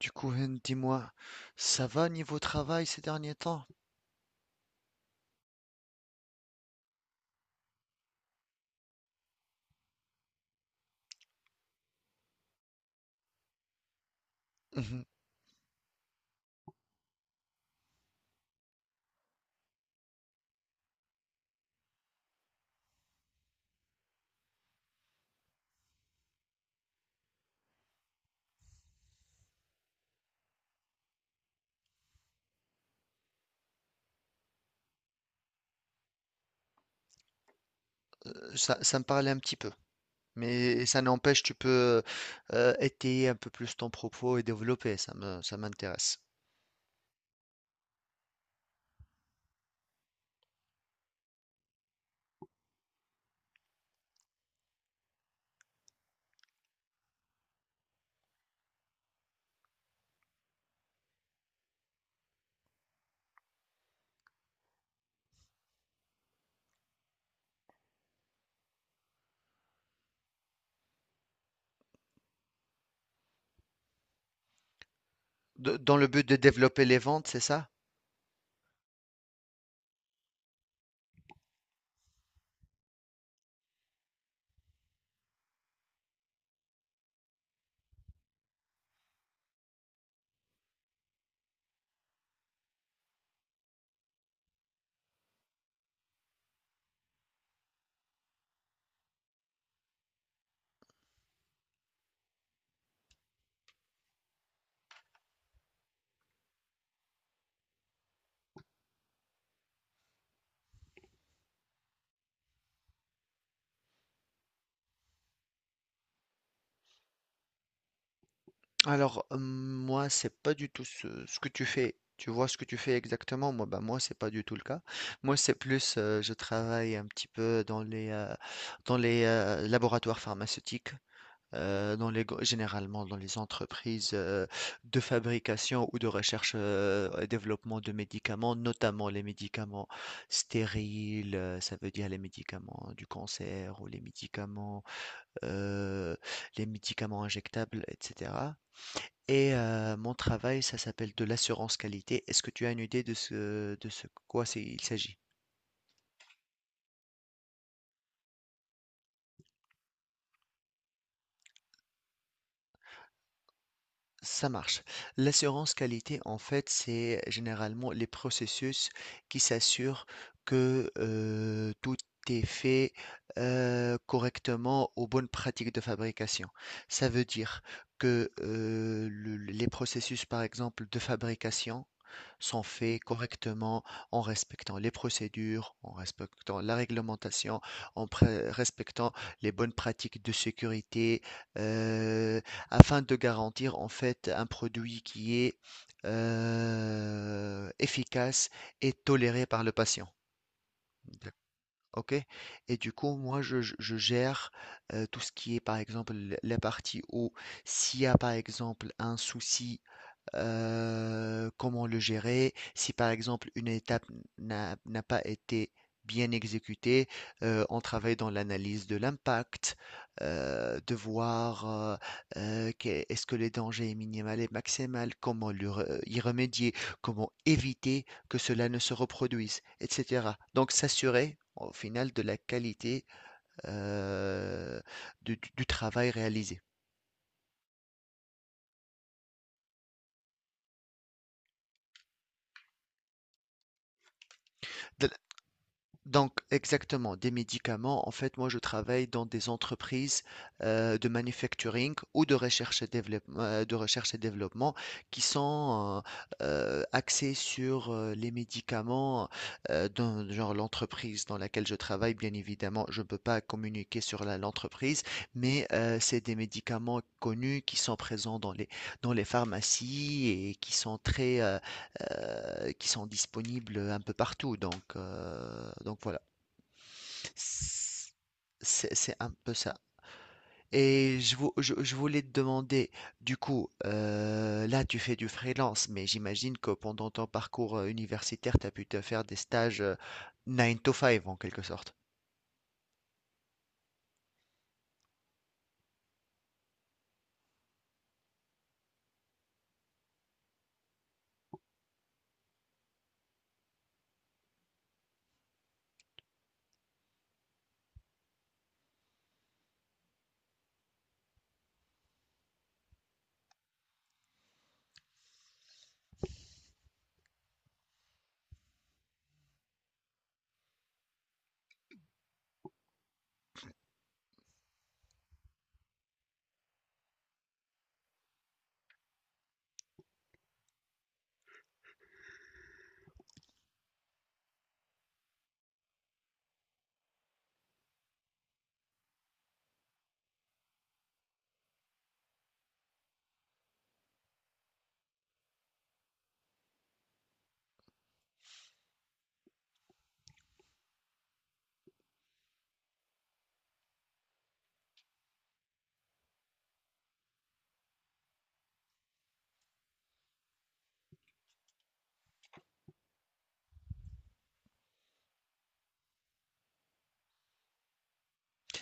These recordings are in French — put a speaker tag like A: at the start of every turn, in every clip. A: Du coup, Hen, dis-moi, ça va niveau travail ces derniers temps? Mhm. Ça me parlait un petit peu, mais ça n'empêche, tu peux étayer un peu plus ton propos et développer, ça m'intéresse. Dans le but de développer les ventes, c'est ça? Alors, moi, c'est pas du tout ce que tu fais. Tu vois ce que tu fais exactement? Moi, bah, moi, c'est pas du tout le cas. Moi, c'est plus, je travaille un petit peu dans les laboratoires pharmaceutiques. Généralement dans les entreprises de fabrication ou de recherche et développement de médicaments, notamment les médicaments stériles, ça veut dire les médicaments du cancer ou euh, les médicaments injectables, etc. Et mon travail, ça s'appelle de l'assurance qualité. Est-ce que tu as une idée de ce quoi il s'agit? Ça marche. L'assurance qualité, en fait, c'est généralement les processus qui s'assurent que tout est fait correctement aux bonnes pratiques de fabrication. Ça veut dire que les processus, par exemple, de fabrication, sont faits correctement en respectant les procédures, en respectant la réglementation, respectant les bonnes pratiques de sécurité, euh, afin de garantir en fait un produit qui est efficace et toléré par le patient. D'ac- Ok? Et du coup, moi, je gère tout ce qui est, par exemple, la partie où s'il y a, par exemple, un souci comment le gérer, si par exemple une étape n'a pas été bien exécutée, on travaille dans l'analyse de l'impact, de voir est-ce que le danger est minimal et maximal, y remédier, comment éviter que cela ne se reproduise, etc. Donc s'assurer au final de la qualité euh, du travail réalisé. Donc, exactement, des médicaments. En fait, moi, je travaille dans des entreprises de manufacturing ou de recherche et développement, de recherche et développement qui sont axées sur les médicaments. Dans, genre, l'entreprise dans laquelle je travaille, bien évidemment, je ne peux pas communiquer sur l'entreprise, mais c'est des médicaments connus qui sont présents dans les pharmacies et qui sont disponibles un peu partout. Donc, voilà, c'est c'est un peu ça. Et je voulais te demander, du coup, là tu fais du freelance, mais j'imagine que pendant ton parcours universitaire, tu as pu te faire des stages 9 to five en quelque sorte.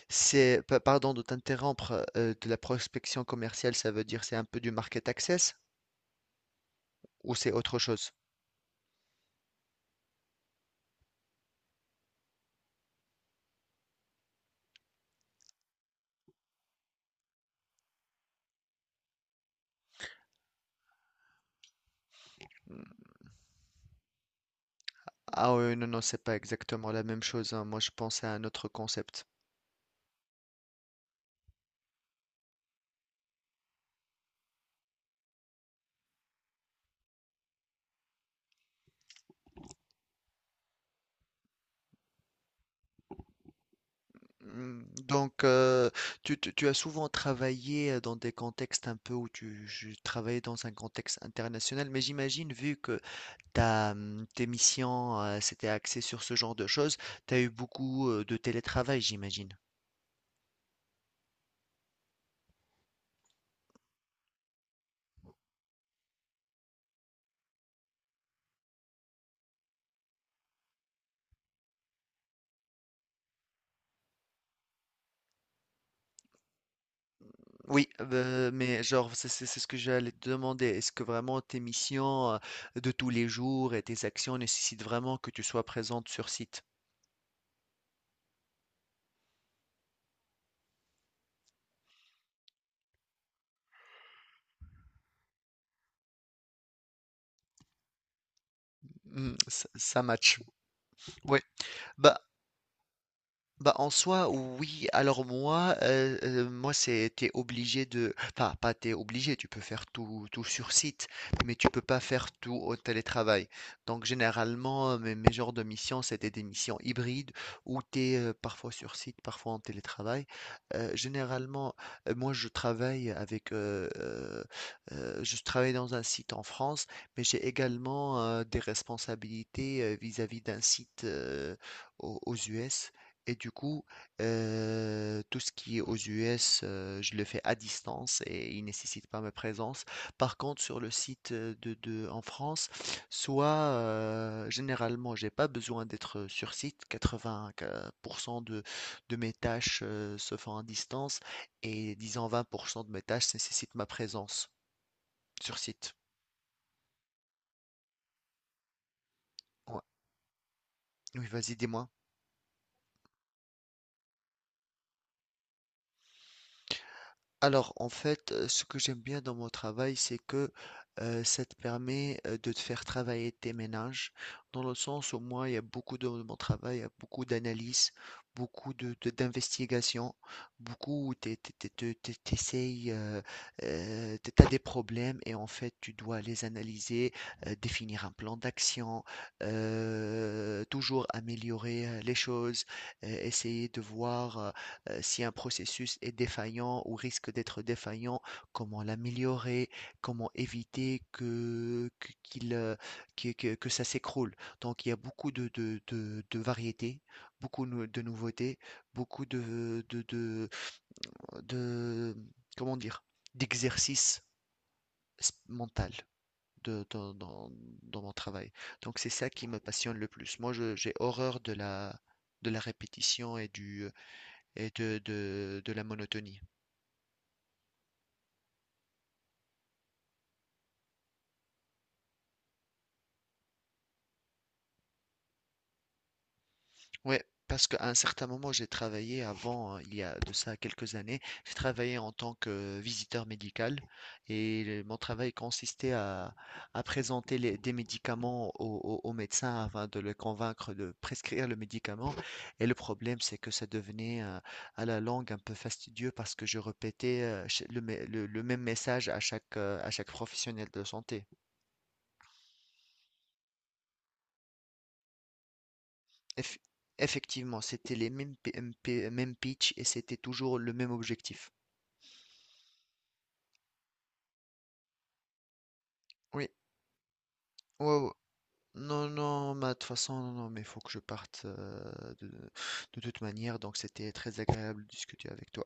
A: Pardon de t'interrompre, de la prospection commerciale, ça veut dire c'est un peu du market access ou c'est autre chose? Ah oui, non, non, c'est pas exactement la même chose, hein. Moi, je pensais à un autre concept. Donc, tu as souvent travaillé dans des contextes un peu où travaillais dans un contexte international, mais j'imagine, vu que tes missions s'étaient axées sur ce genre de choses, tu as eu beaucoup de télétravail, j'imagine. Oui, mais genre, c'est ce que j'allais te demander. Est-ce que vraiment tes missions de tous les jours et tes actions nécessitent vraiment que tu sois présente sur site? Hmm, ça match. Oui. Bah, en soi, oui. Alors moi, moi c'est t'es obligé de, enfin pas t'es obligé, tu peux faire tout, tout sur site, mais tu peux pas faire tout au télétravail. Donc généralement, mes genres de missions, c'était des missions hybrides où t'es parfois sur site, parfois en télétravail. Généralement, moi je travaille je travaille dans un site en France, mais j'ai également des responsabilités vis-à-vis d'un site aux US. Et du coup, tout ce qui est aux US, je le fais à distance et il nécessite pas ma présence. Par contre, sur le site en France, soit généralement, j'ai pas besoin d'être sur site. 80% de mes tâches se font à distance et disons 20% de mes tâches nécessitent ma présence sur site. Ouais. Oui, vas-y, dis-moi. Alors, en fait, ce que j'aime bien dans mon travail, c'est que ça te permet de te faire travailler tes ménages, dans le sens où moi, il y a beaucoup de mon travail, il y a beaucoup d'analyses, beaucoup d'investigations, beaucoup où tu essayes, tu as des problèmes et en fait, tu dois les analyser, définir un plan d'action, toujours améliorer les choses, essayer de voir si un processus est défaillant ou risque d'être défaillant, comment l'améliorer, comment éviter que ça s'écroule. Donc il y a beaucoup de variétés, beaucoup de nouveautés, beaucoup de- comment dire, d'exercices mental. de- dans, dans- Dans mon travail. Donc c'est ça qui me passionne le plus. Moi, j'ai horreur de la, répétition et du, et de la monotonie. Ouais, parce qu'à un certain moment, j'ai travaillé avant, il y a de ça quelques années, j'ai travaillé en tant que visiteur médical et mon travail consistait à présenter des médicaments aux médecins afin de les convaincre de prescrire le médicament. Et le problème, c'est que ça devenait à la longue un peu fastidieux parce que je répétais le même message à chaque professionnel de santé. Eff- Effectivement, c'était les mêmes, mêmes pitch et c'était toujours le même objectif. Oui, ouais, ouais. Non, non, bah, de toute façon, non, non, mais il faut que je parte de, de toute manière, donc c'était très agréable de discuter avec toi.